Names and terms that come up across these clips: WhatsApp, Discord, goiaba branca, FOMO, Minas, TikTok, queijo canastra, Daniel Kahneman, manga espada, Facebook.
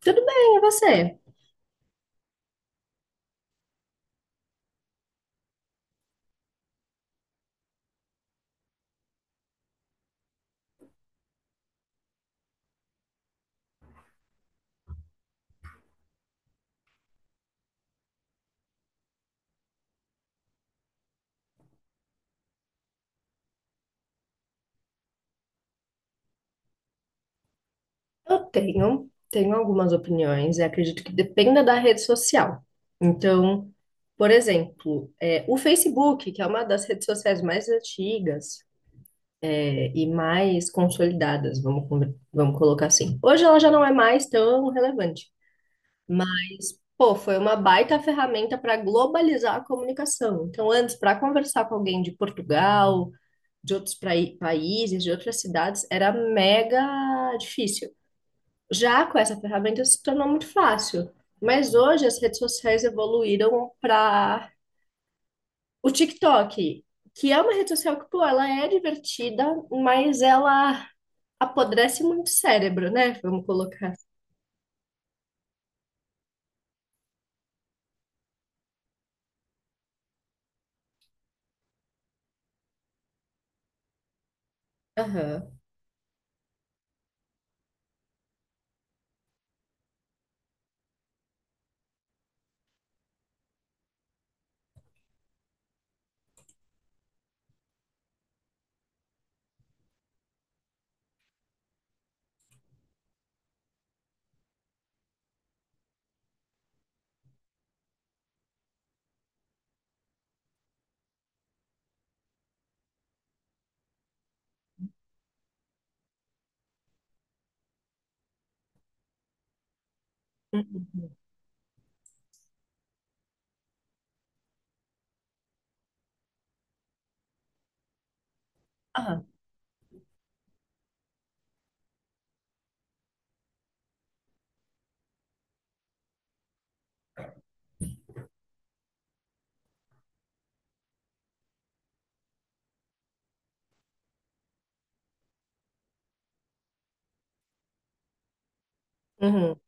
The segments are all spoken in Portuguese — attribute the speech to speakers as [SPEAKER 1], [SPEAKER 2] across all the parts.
[SPEAKER 1] Tudo bem, e você? Eu tenho algumas opiniões e acredito que dependa da rede social. Então, por exemplo, o Facebook, que é uma das redes sociais mais antigas, e mais consolidadas, vamos colocar assim. Hoje ela já não é mais tão relevante, mas, pô, foi uma baita ferramenta para globalizar a comunicação. Então, antes, para conversar com alguém de Portugal, de outros países, de outras cidades, era mega difícil. Já com essa ferramenta se tornou muito fácil. Mas hoje as redes sociais evoluíram para o TikTok, que é uma rede social que, pô, ela é divertida, mas ela apodrece muito o cérebro, né? Vamos colocar. Aham. Aham. Uhum.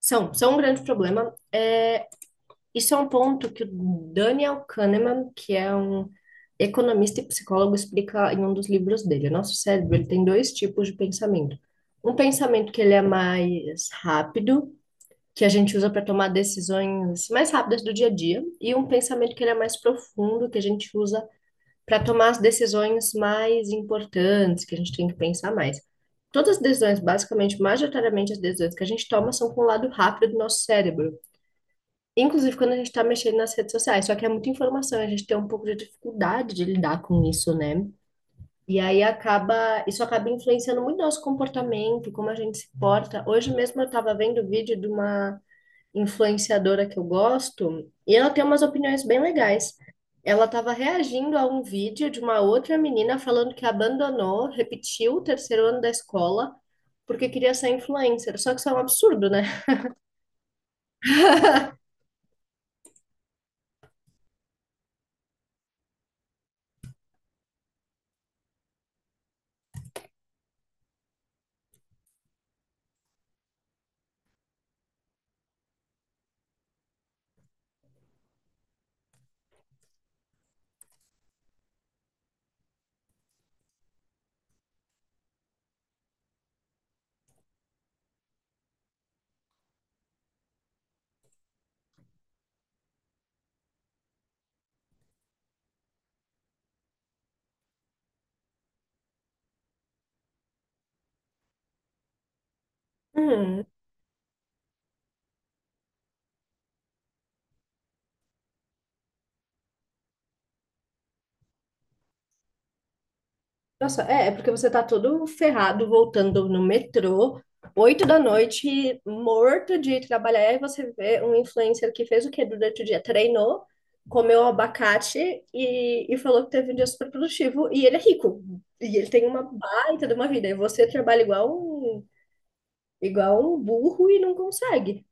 [SPEAKER 1] São um grande problema. Isso é um ponto que o Daniel Kahneman, que é um economista e psicólogo, explica em um dos livros dele. O nosso cérebro, ele tem dois tipos de pensamento. Um pensamento que ele é mais rápido, que a gente usa para tomar decisões mais rápidas do dia a dia, e um pensamento que ele é mais profundo, que a gente usa para tomar as decisões mais importantes, que a gente tem que pensar mais. Todas as decisões, basicamente, majoritariamente as decisões que a gente toma são com o lado rápido do nosso cérebro. Inclusive quando a gente está mexendo nas redes sociais, só que é muita informação, a gente tem um pouco de dificuldade de lidar com isso, né? E aí acaba, isso acaba influenciando muito nosso comportamento, como a gente se porta. Hoje mesmo eu estava vendo o vídeo de uma influenciadora que eu gosto, e ela tem umas opiniões bem legais. Ela estava reagindo a um vídeo de uma outra menina falando que abandonou, repetiu o terceiro ano da escola porque queria ser influencer. Só que isso é um absurdo, né? Hum. Nossa, é, é porque você tá todo ferrado voltando no metrô, oito da noite, morto de trabalhar, e você vê um influencer que fez o quê durante o dia? Treinou, comeu abacate e falou que teve um dia super produtivo, e ele é rico, e ele tem uma baita de uma vida, e você trabalha igual um burro e não consegue.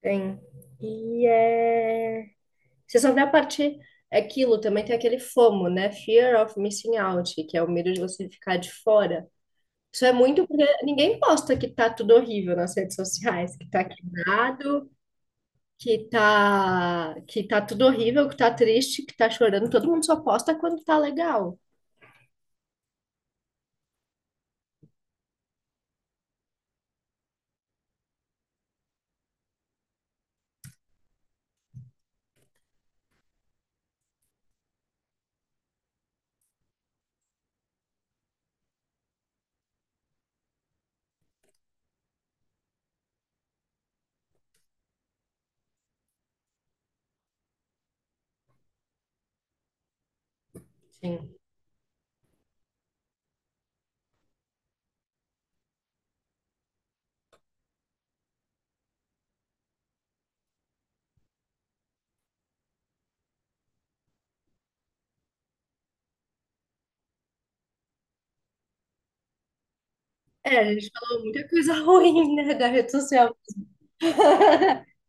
[SPEAKER 1] Tem. E é... Você só vê a parte... Aquilo também tem aquele FOMO, né? Fear of missing out, que é o medo de você ficar de fora. Isso é muito porque ninguém posta que tá tudo horrível nas redes sociais, que tá quebrado, que tá tudo horrível, que tá triste, que tá chorando. Todo mundo só posta quando tá legal. Sim. É, a gente falou muita coisa ruim, né, da rede social.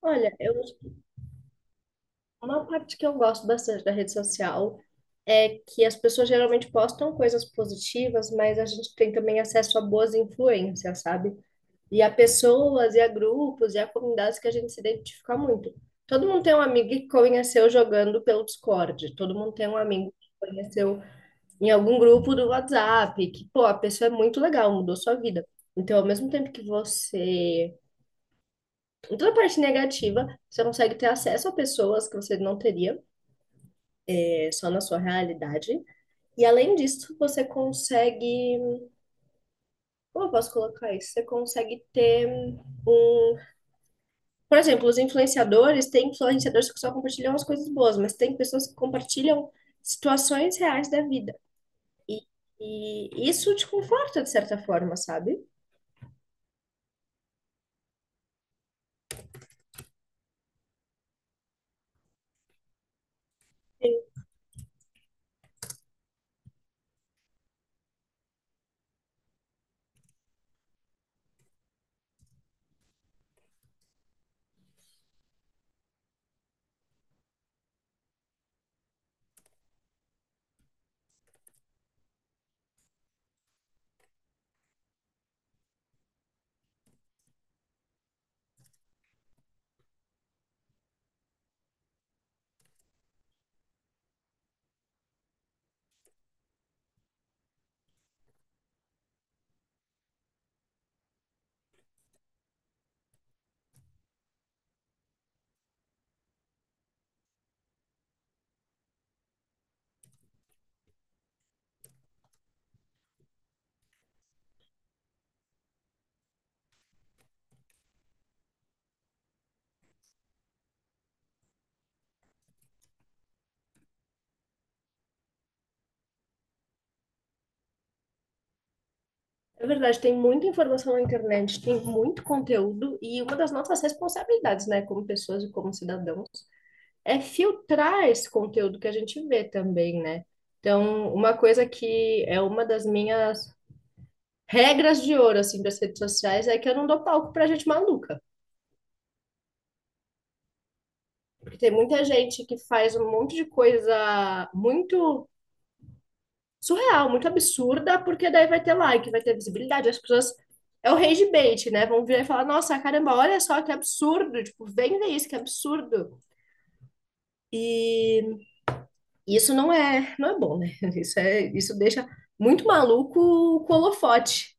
[SPEAKER 1] Olha, eu, uma parte que eu gosto bastante da rede social é que as pessoas geralmente postam coisas positivas, mas a gente tem também acesso a boas influências, sabe? E a pessoas, e a grupos, e a comunidades que a gente se identifica muito. Todo mundo tem um amigo que conheceu jogando pelo Discord, todo mundo tem um amigo que conheceu em algum grupo do WhatsApp, que, pô, a pessoa é muito legal, mudou sua vida. Então, ao mesmo tempo que você. Em toda a parte negativa, você consegue ter acesso a pessoas que você não teria, só na sua realidade. E além disso, você consegue. Como eu posso colocar isso? Você consegue ter um por exemplo, os influenciadores, tem influenciadores que só compartilham as coisas boas, mas tem pessoas que compartilham situações reais da vida. E, e isso te conforta de certa forma, sabe? É verdade, tem muita informação na internet, tem muito conteúdo, e uma das nossas responsabilidades, né, como pessoas e como cidadãos, é filtrar esse conteúdo que a gente vê também, né? Então, uma coisa que é uma das minhas regras de ouro, assim, das redes sociais é que eu não dou palco pra gente maluca. Porque tem muita gente que faz um monte de coisa muito surreal, muito absurda, porque daí vai ter like, vai ter visibilidade. As pessoas. É o rage bait, né? Vão vir e falar: nossa, caramba, olha só que absurdo. Tipo, vem ver isso, que absurdo. E não é bom, né? Isso deixa muito maluco o holofote.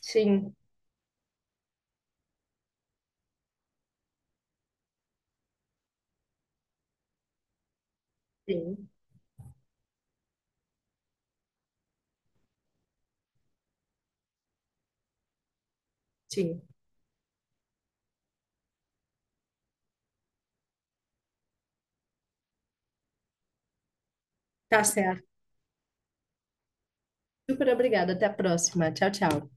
[SPEAKER 1] Sim, sim, sim. Tá certo. Super obrigada. Até a próxima. Tchau, tchau.